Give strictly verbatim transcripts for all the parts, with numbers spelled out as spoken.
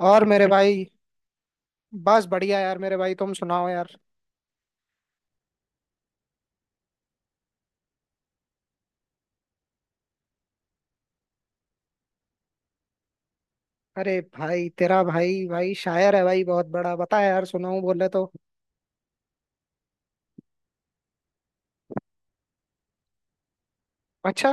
और मेरे भाई। बस बढ़िया यार, मेरे भाई तुम सुनाओ यार। अरे भाई, तेरा भाई भाई शायर है भाई, बहुत बड़ा। बता यार, सुनाऊं बोले तो? अच्छा।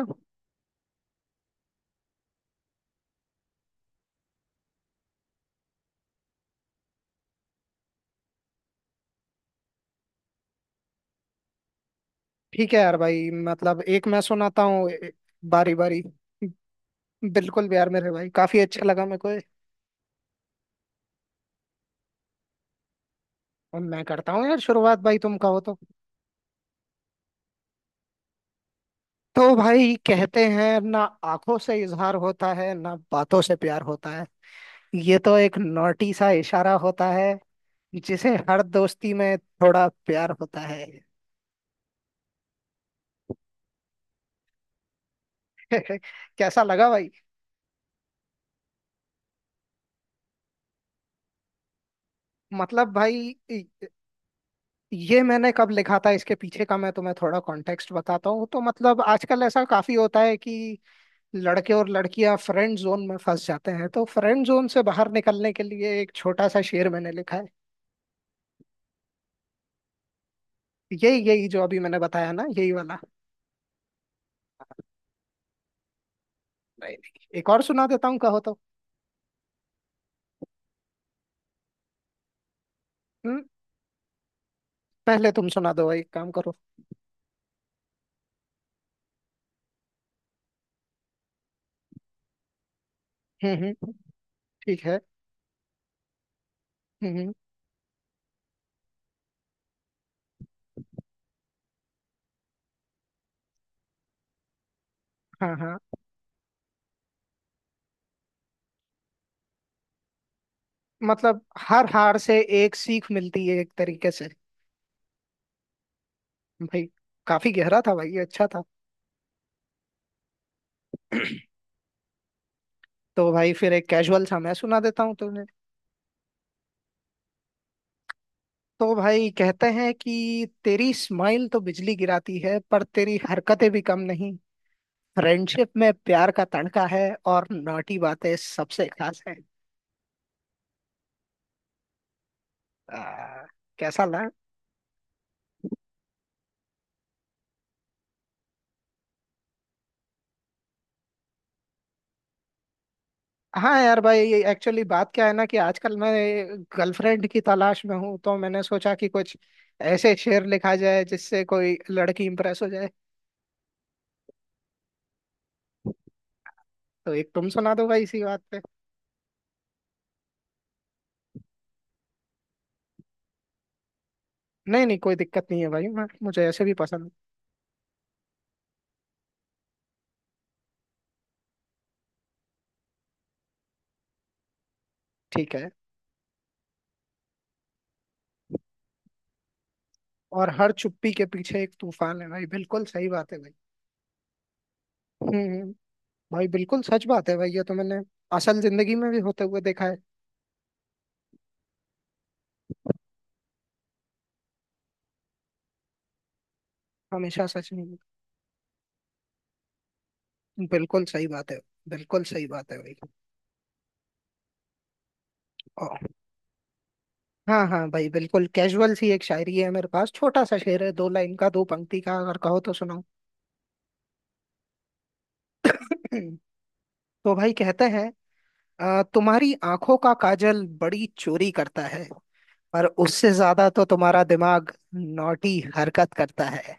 ठीक है यार भाई, मतलब एक मैं सुनाता हूँ। बारी बारी। बिल्कुल भी यार मेरे भाई, काफी अच्छा लगा मेरे को ये। अब मैं करता हूँ यार शुरुआत, भाई तुम कहो तो। तो भाई कहते हैं ना, आंखों से इजहार होता है ना, बातों से प्यार होता है। ये तो एक नोटी सा इशारा होता है, जिसे हर दोस्ती में थोड़ा प्यार होता है। कैसा लगा भाई? मतलब भाई, ये मैंने कब लिखा था, इसके पीछे का मैं तुम्हें थोड़ा कॉन्टेक्स्ट बताता हूँ। तो मतलब आजकल ऐसा काफी होता है कि लड़के और लड़कियां फ्रेंड जोन में फंस जाते हैं, तो फ्रेंड जोन से बाहर निकलने के लिए एक छोटा सा शेर मैंने लिखा है। यही यही, जो अभी मैंने बताया ना, यही वाला। नहीं नहीं, एक और सुना देता हूँ, कहो तो। हम्म। पहले तुम सुना दो भाई, एक काम करो। हम्म हम्म। ठीक है। हम्म हम्म। हाँ हाँ। मतलब हर हार से एक सीख मिलती है, एक तरीके से। भाई काफी गहरा था भाई, अच्छा था। तो भाई फिर एक कैजुअल सा मैं सुना देता हूँ तुमने। तो भाई कहते हैं कि तेरी स्माइल तो बिजली गिराती है, पर तेरी हरकतें भी कम नहीं। फ्रेंडशिप में प्यार का तड़का है, और नॉटी बातें सबसे खास है। आ, कैसा लगा? हाँ यार भाई, ये एक्चुअली बात क्या है ना, कि आजकल मैं गर्लफ्रेंड की तलाश में हूँ। तो मैंने सोचा कि कुछ ऐसे शेर लिखा जाए जिससे कोई लड़की इंप्रेस हो जाए। तो एक तुम सुना दो भाई इसी बात। नहीं नहीं, कोई दिक्कत नहीं है भाई, मैं, मुझे ऐसे भी पसंद है। ठीक है। और हर चुप्पी के पीछे एक तूफान है, भाई बिल्कुल सही बात है भाई। हम्म हम्म। भाई बिल्कुल सच बात है भाई, ये तो मैंने असल जिंदगी में भी होते हुए देखा है। हमेशा सच नहीं होता। बिल्कुल सही बात है। बिल्कुल सही बात है भाई। ओ, हाँ हाँ भाई, बिल्कुल कैजुअल सी एक शायरी है मेरे पास, छोटा सा शेर है, दो लाइन का, दो पंक्ति का, अगर कहो तो सुनाओ। तो भाई कहते हैं, "अ, तुम्हारी आंखों का काजल बड़ी चोरी करता है, पर उससे ज्यादा तो तुम्हारा दिमाग नॉटी हरकत करता है।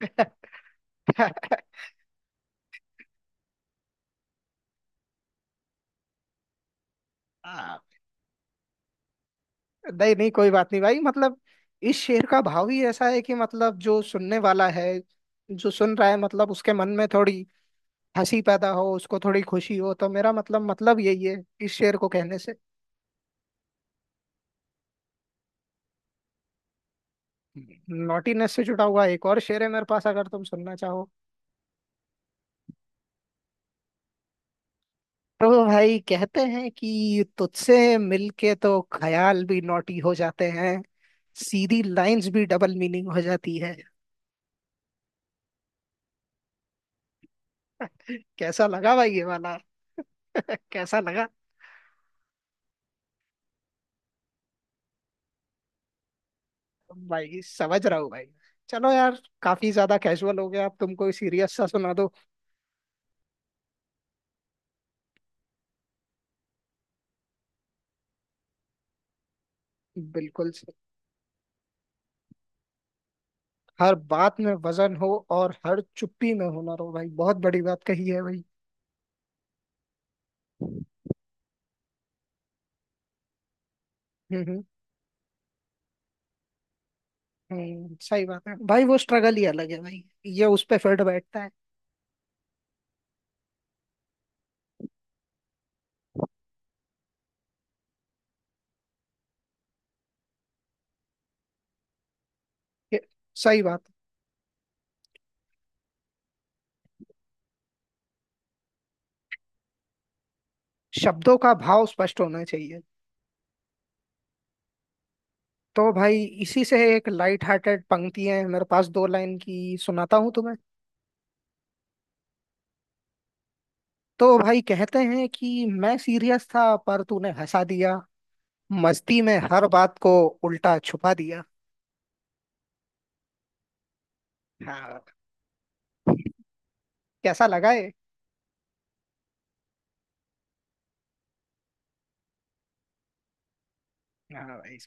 हाँ। नहीं नहीं, कोई बात नहीं भाई, मतलब इस शेर का भाव ही ऐसा है कि मतलब जो सुनने वाला है, जो सुन रहा है, मतलब उसके मन में थोड़ी हंसी पैदा हो, उसको थोड़ी खुशी हो, तो मेरा मतलब मतलब यही है, इस शेर को कहने से। नॉटीनेस से जुड़ा हुआ एक और शेर है मेरे पास, अगर तुम सुनना चाहो। तो भाई कहते हैं कि तुझसे मिलके तो ख्याल भी नॉटी हो जाते हैं, सीधी लाइंस भी डबल मीनिंग हो जाती है। कैसा लगा भाई ये वाला? कैसा लगा? भाई समझ रहा हूँ भाई। चलो यार, काफी ज्यादा कैजुअल हो गया, अब तुम कोई सीरियस सा सुना दो। बिल्कुल से। हर बात में वजन हो, और हर चुप्पी में हुनर हो, भाई बहुत बड़ी बात कही है भाई। हम्म हम्म। हम्म, सही बात है भाई, वो स्ट्रगल ही अलग है भाई, ये उस पे फिल्ड बैठता है। ये- सही बात। शब्दों का भाव स्पष्ट होना चाहिए। तो भाई इसी से एक लाइट हार्टेड पंक्ति है मेरे पास, दो लाइन की सुनाता हूँ तुम्हें। तो भाई कहते हैं कि मैं सीरियस था, पर तूने हंसा दिया, मस्ती में हर बात को उल्टा छुपा दिया। हाँ, कैसा लगा ये? हाँ भाई।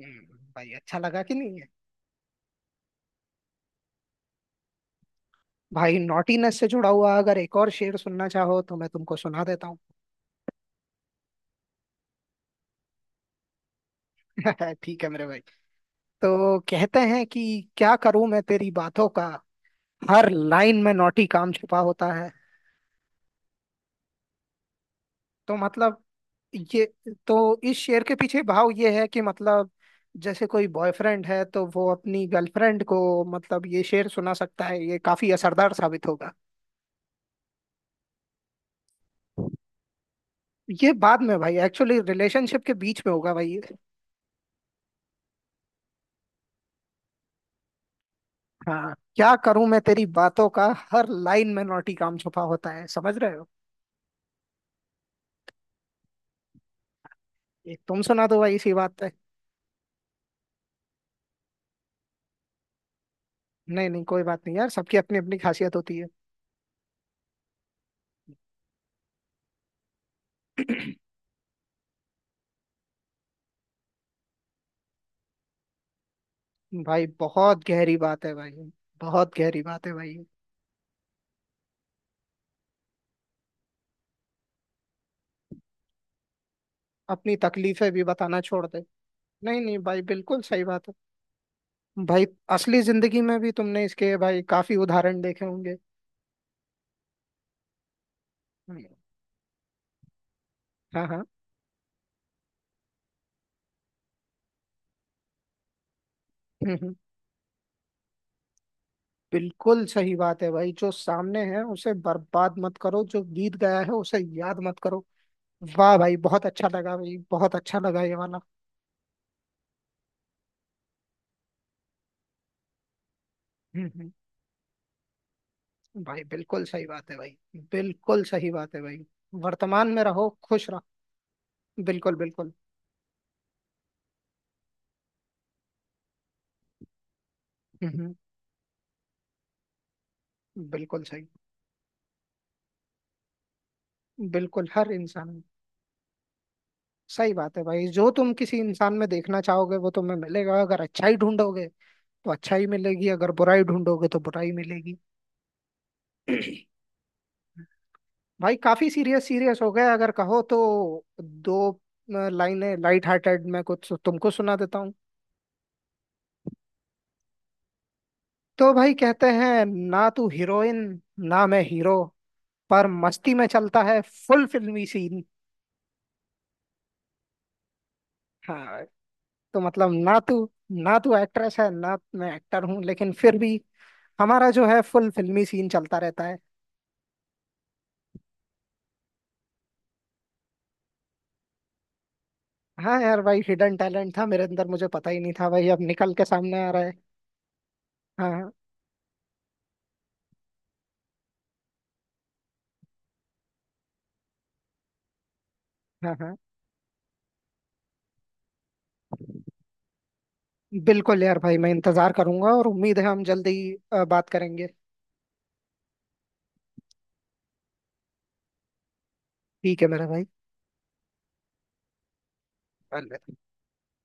हम्म, भाई अच्छा लगा कि नहीं है? भाई नॉटीनेस से जुड़ा हुआ, अगर एक और शेर सुनना चाहो, तो मैं तुमको सुना देता हूँ। ठीक है मेरे भाई। तो कहते हैं कि क्या करूं मैं तेरी बातों का, हर लाइन में नौटी काम छिपा होता है। तो मतलब ये, तो इस शेर के पीछे भाव ये है कि मतलब जैसे कोई बॉयफ्रेंड है, तो वो अपनी गर्लफ्रेंड को मतलब ये शेर सुना सकता है, ये काफी असरदार साबित होगा। ये बाद में भाई, एक्चुअली रिलेशनशिप के बीच में होगा भाई ये। हाँ, क्या करूं मैं तेरी बातों का, हर लाइन में नौटी काम छुपा होता है, समझ रहे हो? एक तुम सुना दो भाई इसी बात पे। नहीं नहीं, कोई बात नहीं यार, सबकी अपनी अपनी खासियत होती है। भाई बहुत गहरी बात है भाई, बहुत गहरी बात है भाई। अपनी तकलीफें भी बताना छोड़ दे। नहीं नहीं भाई, बिल्कुल सही बात है भाई, असली जिंदगी में भी तुमने इसके भाई काफी उदाहरण देखे होंगे। हम्म। हाँ हाँ। हम्म, हम्म, बिल्कुल सही बात है भाई, जो सामने है उसे बर्बाद मत करो, जो बीत गया है उसे याद मत करो। वाह भाई, बहुत अच्छा लगा भाई, बहुत अच्छा लगा ये वाला। हम्म हम्म, भाई बिल्कुल सही बात है भाई, बिल्कुल सही बात है भाई, वर्तमान में रहो, खुश रहो। बिल्कुल बिल्कुल। हम्म, हम्म। बिल्कुल सही। बिल्कुल हर इंसान। सही बात है भाई, जो तुम किसी इंसान में देखना चाहोगे वो तुम्हें मिलेगा, अगर अच्छा ही ढूंढोगे तो अच्छा ही मिलेगी, अगर बुरा ही ढूंढोगे तो बुरा ही मिलेगी। भाई काफी सीरियस सीरियस हो गया, अगर कहो तो दो अ, लाइनें लाइट हार्टेड में कुछ तुमको सुना देता हूँ। तो भाई कहते हैं ना, तू हीरोइन ना मैं हीरो, पर मस्ती में चलता है फुल फिल्मी सीन। हाँ, तो मतलब ना तू ना तू एक्ट्रेस है ना मैं एक्टर हूँ, लेकिन फिर भी हमारा जो है फुल फिल्मी सीन चलता रहता है। हाँ यार भाई, हिडन टैलेंट था मेरे अंदर, मुझे पता ही नहीं था भाई, अब निकल के सामने आ रहा है। हाँ हाँ हाँ हाँ। बिल्कुल यार भाई, मैं इंतजार करूंगा और उम्मीद है हम जल्दी अ, बात करेंगे। ठीक है मेरा भाई। अलविदा।